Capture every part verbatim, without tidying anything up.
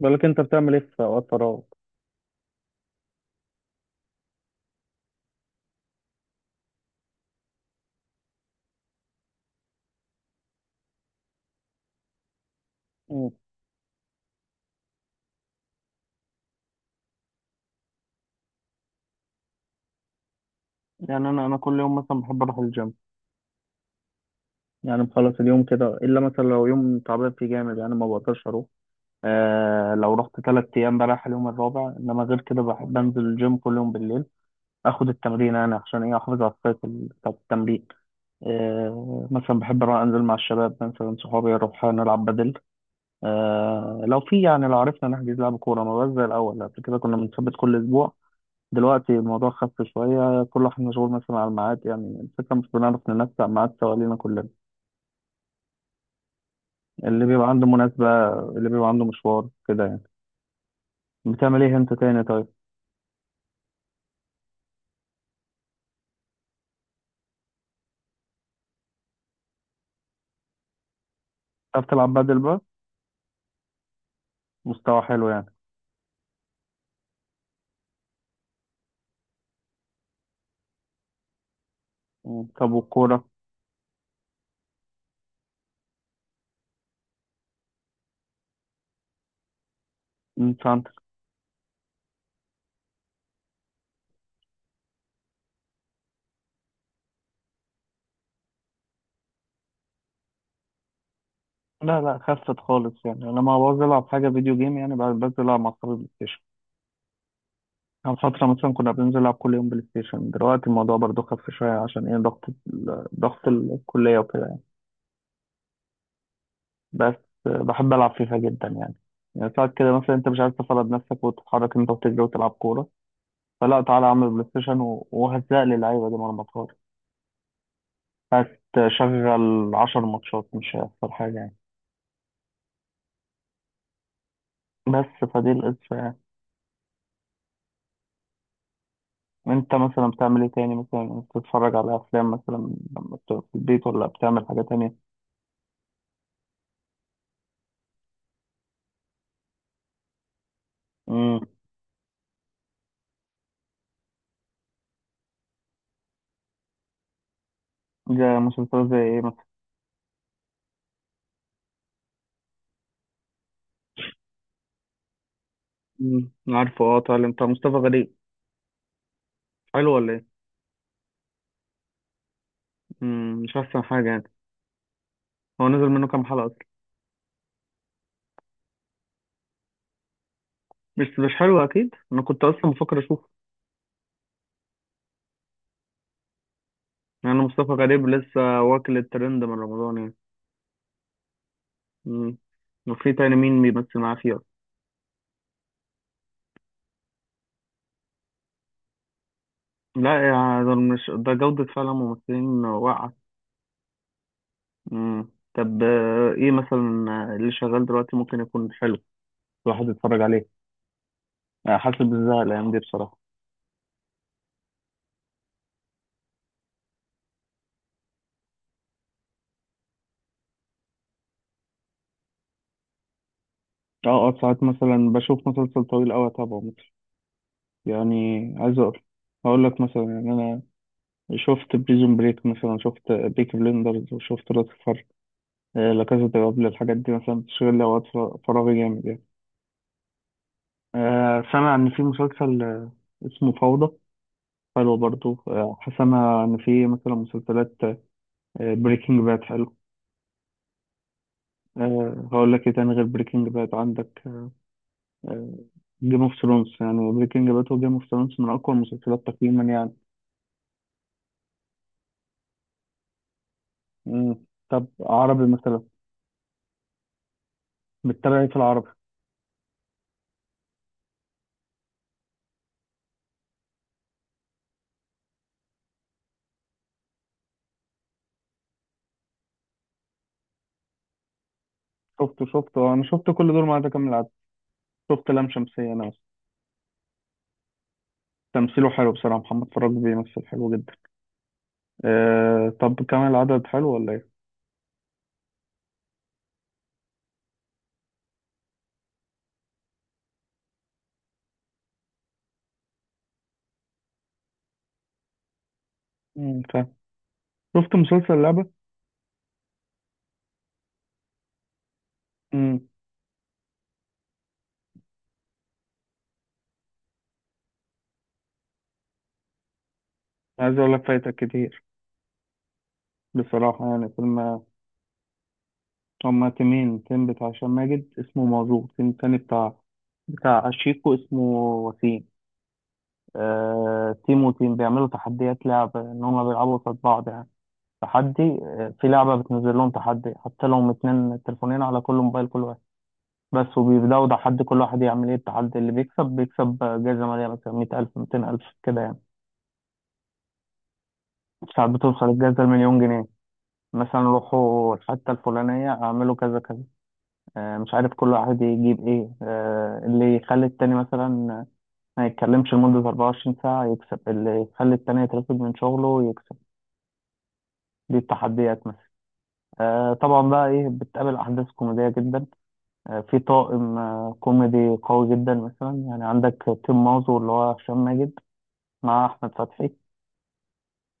بالك انت بتعمل ايه في اوقات فراغ. مم. يعني انا انا كل يوم مثلا بحب اروح الجيم، يعني مخلص اليوم كده الا مثلا لو يوم تعبان فيه جامد، يعني ما بقدرش اروح. آه، لو رحت تلات ايام بريح اليوم الرابع، انما غير كده بحب انزل الجيم كل يوم بالليل اخد التمرين، يعني عشان ايه احافظ على السايكل بتاع التمرين. آه، مثلا بحب اروح انزل مع الشباب، مثلا صحابي اروح نلعب بدل. آه، لو في يعني لو عرفنا نحجز لعب كوره، ما بقاش زي الاول. قبل كده كنا بنثبت كل اسبوع، دلوقتي الموضوع خف شوية. كل واحد مشغول مثلا على الميعاد، يعني الفكرة مش بنعرف ننسق ميعاد سوا لينا كلنا. اللي بيبقى عنده مناسبة، اللي بيبقى عنده مشوار كده يعني. بتعمل ايه انت تاني طيب؟ بتعرف تلعب بدل بقى؟ مستوى حلو يعني. مم. طب والكورة؟ مم، فهمتك. لا لا، خفت خالص. يعني أنا ما بعوز ألعب حاجة فيديو جيم، يعني بعد بنزل ألعب مع أصحابي بلاي ستيشن. كان فترة مثلا كنا بننزل نلعب كل يوم بلاي ستيشن، دلوقتي الموضوع برضو خف شوية، عشان ايه ضغط ال- ضغط الكلية وكده. بس بحب ألعب فيفا جدا يعني. يعني ساعات كده مثلا أنت مش عايز تفرض نفسك وتتحرك أنت وتجري وتلعب كورة، فلا تعالى أعمل بلاي ستيشن و- وهزق لي اللعيبة دي مرمطات. هتشغل عشر ماتشات مش هيحصل حاجة يعني. بس فدي القصة يعني. أنت مثلا بتعمل إيه تاني؟ مثلا بتتفرج على أفلام مثلا لما بتبقى في البيت، ولا بتعمل حاجة تانية؟ امم. زي مسلسلات زي إيه مثلا؟ امم. عارفه، أه طالع. أنت مصطفى غريب حلو ولا إيه؟ امم، مش أحسن حاجة يعني. هو نزل منه كام حلقة؟ بس مش حلو اكيد، انا كنت اصلا بفكر اشوفه. يعني مصطفى غريب لسه واكل الترند من رمضان يعني. مم. وفي تاني مين بيمثل معاه فيه أصلاً؟ لا يعني ده، مش ده جودة فعلا، ممثلين واقعة. مم. طب آه، ايه مثلا، آه، اللي شغال دلوقتي ممكن يكون حلو الواحد يتفرج عليه؟ آه، حاسس بالزهق الايام دي بصراحة. اه اه، ساعات مثلا بشوف مسلسل طويل اوي اتابعه مثلا. يعني عايز اقول، اقول لك مثلا، يعني انا شفت بريزون بريك مثلا، شفت بيك بلندرز، وشفت راس، آه، لا كاسا دي بابل. الحاجات دي مثلا بتشغل لي اوقات فراغ- فراغي جامد يعني. آه، سامع ان في مسلسل آه، اسمه فوضى، حلو برضو. آه، سامع ان في مثلا مسلسلات بريكنج باد حلو. أه هقول لك ايه تاني غير بريكنج باد؟ عندك جيم اوف ثرونز. يعني بريكنج باد وجيم اوف ثرونز من اقوى المسلسلات تقييما يعني. مم. طب عربي مثلا، بتتابع ايه في العربي؟ شفته شفته انا، شفت كل دول ما عدا كامل العدد. شفت لام شمسية انا بس. تمثيله حلو بصراحة، محمد فراج بيمثل حلو جدا. آه طب كام العدد حلو ولا ايه؟ مم، فاهم. شفت مسلسل لعبة؟ مم. عايز اقول لك فايتك كتير بصراحة، يعني فيلم. هما تيمين: تيم بتاع هشام ماجد اسمه موضوع، تيم تاني بتاع بتاع شيكو اسمه وسيم. آه، تيم وتيم بيعملوا تحديات لعب، ان هما بيلعبوا قصاد بعض يعني. تحدي، آه، في لعبة بتنزل لهم تحدي حتى لو هم اتنين تليفونين، على كل موبايل كل واحد بس، وبيبدأوا تحدي كل واحد يعمل ايه. التحدي اللي بيكسب بيكسب جايزة مالية مثلا 100000 ألف ميتين ألف كده يعني. ساعات بتوصل الجائزة المليون جنيه. مثلا روحوا الحتة الفلانية، اعملوا كذا كذا، آه، مش عارف كل واحد يجيب ايه. آه، اللي يخلي التاني مثلا ما يتكلمش لمدة أربعة وعشرين ساعة يكسب، اللي يخلي التاني يترفد من شغله يكسب. دي التحديات مثلا. آه، طبعا بقى ايه، بتقابل احداث كوميدية جدا. آه، في طاقم آه، كوميدي قوي جدا. مثلا يعني عندك تيم مازو اللي هو هشام ماجد مع احمد فتحي.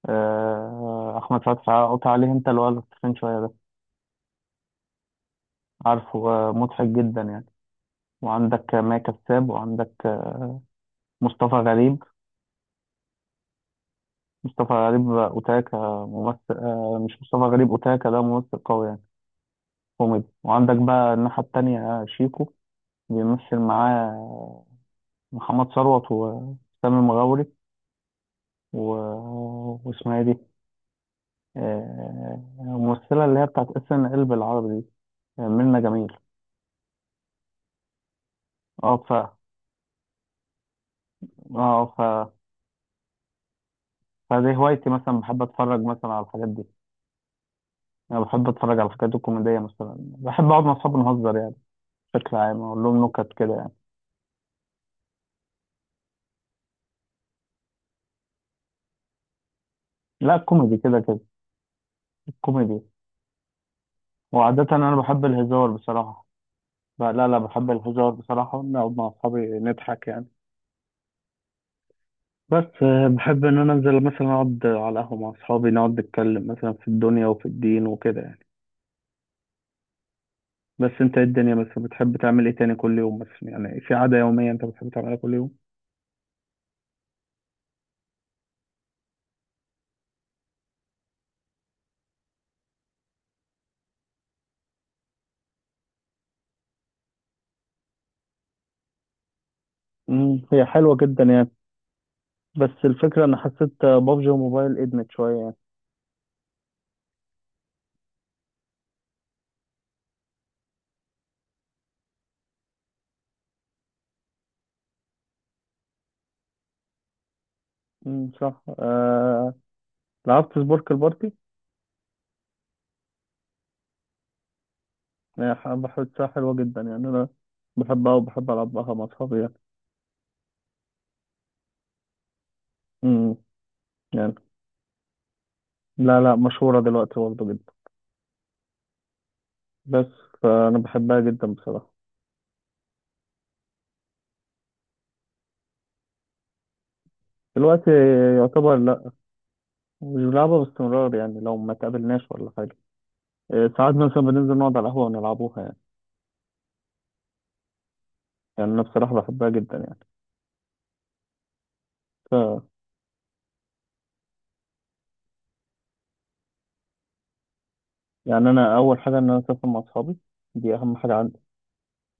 آه، احمد فتحي قطع عليه، انت اللي هو تخين شوية ده، عارفه. آه، مضحك جدا يعني. وعندك ماء كساب، وعندك مصطفى غريب. مصطفى غريب أوتاكا ممثل آه، مش مصطفى غريب أوتاكا ده ممثل قوي يعني كوميدي. وعندك بقى الناحية التانية آه، شيكو، بيمثل معاه آه، محمد ثروت وسامي المغاوري، و... واسمها إيه دي؟ آه، الممثلة اللي هي بتاعت اس ان ال بالعربي دي، آه، منة جميل. اه ف اه ف فدي هوايتي، مثلا بحب اتفرج مثلا على الحاجات دي. انا بحب اتفرج على الحاجات الكوميديه، مثلا بحب اقعد مع اصحابي نهزر يعني. بشكل عام اقول لهم نكت كده يعني. لا كوميدي كده كده، كوميدي. وعاده انا بحب الهزار بصراحه. لا لا لا، بحب الهزار بصراحه، نقعد مع اصحابي نضحك يعني. بس آه، بحب ان انا انزل مثلا اقعد على قهوه مع اصحابي، نقعد نتكلم مثلا في الدنيا وفي الدين وكده يعني. بس انت إيه الدنيا؟ مثلا بتحب تعمل ايه تاني كل يوم مثلا؟ يعني في عاده يوميه انت بتحب تعملها كل يوم؟ امم، هي حلوه جدا يعني. بس الفكره انا حسيت بابجي وموبايل ادمت شويه. مم، صح آه... لعبت سبورك البارتي؟ يعني ح- بحسها حلوة جدا يعني. أنا بحبها وبحب ألعبها مع أصحابي يعني. مم، يعني لا لا، مشهورة دلوقتي برضه جدا. بس فأنا بحبها جدا بصراحة. دلوقتي يعتبر لا، مش بنلعبها باستمرار يعني لو ما تقابلناش ولا حاجة. آه، ساعات مثلا بننزل نقعد على القهوة ونلعبوها يعني. يعني أنا بصراحة بحبها جدا يعني. ف... يعني أنا أول حاجة إن أنا أسافر مع أصحابي، دي أهم حاجة عندي.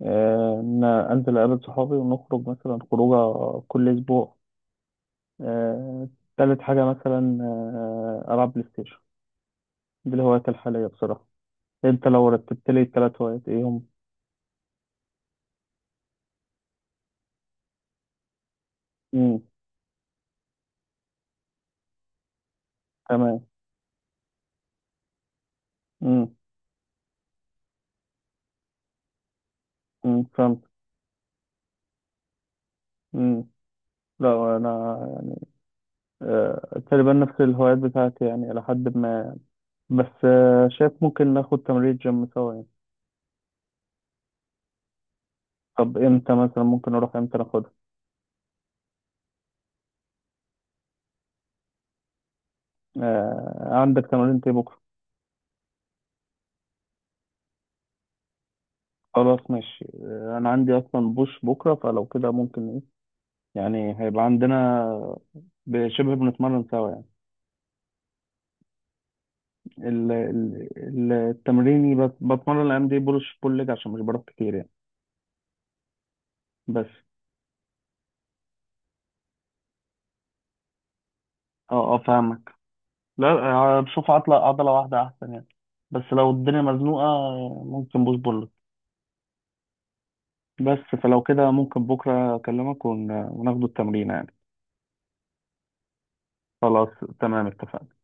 آه، إن أنا أنزل أقابل صحابي ونخرج مثلا خروجة كل أسبوع. آه، تالت حاجة مثلا آه، ألعب بلاي ستيشن. دي الهوايات الحالية بصراحة. أنت لو رتبت لي التلات هوايات، إيه هم؟ مم. تمام. مم. مم، فهمت. مم. لا أنا يعني آه، تقريبا نفس الهوايات بتاعتي يعني إلى حد ما. بس آه، شايف ممكن ناخد تمرين جيم سوا يعني. طب إمتى مثلا ممكن أروح؟ إمتى ناخدها؟ آه، عندك تمرين إيه بكرة؟ خلاص ماشي. آه، أنا عندي أصلا بوش بكرة، فلو كده ممكن إيه، يعني هيبقى عندنا شبه بنتمرن سوا يعني. ال- ال- التمريني بس، بتمرن الايام دي بولش بول ليج عشان مش بروح كتير يعني. بس اه اه، فاهمك. لا آه، بشوف عضلة عضلة واحدة أحسن يعني. بس لو الدنيا مزنوقة آه، ممكن بوش بول. بس فلو كده ممكن بكرة أكلمك ون- وناخده التمرين يعني. خلاص. تمام اتفقنا.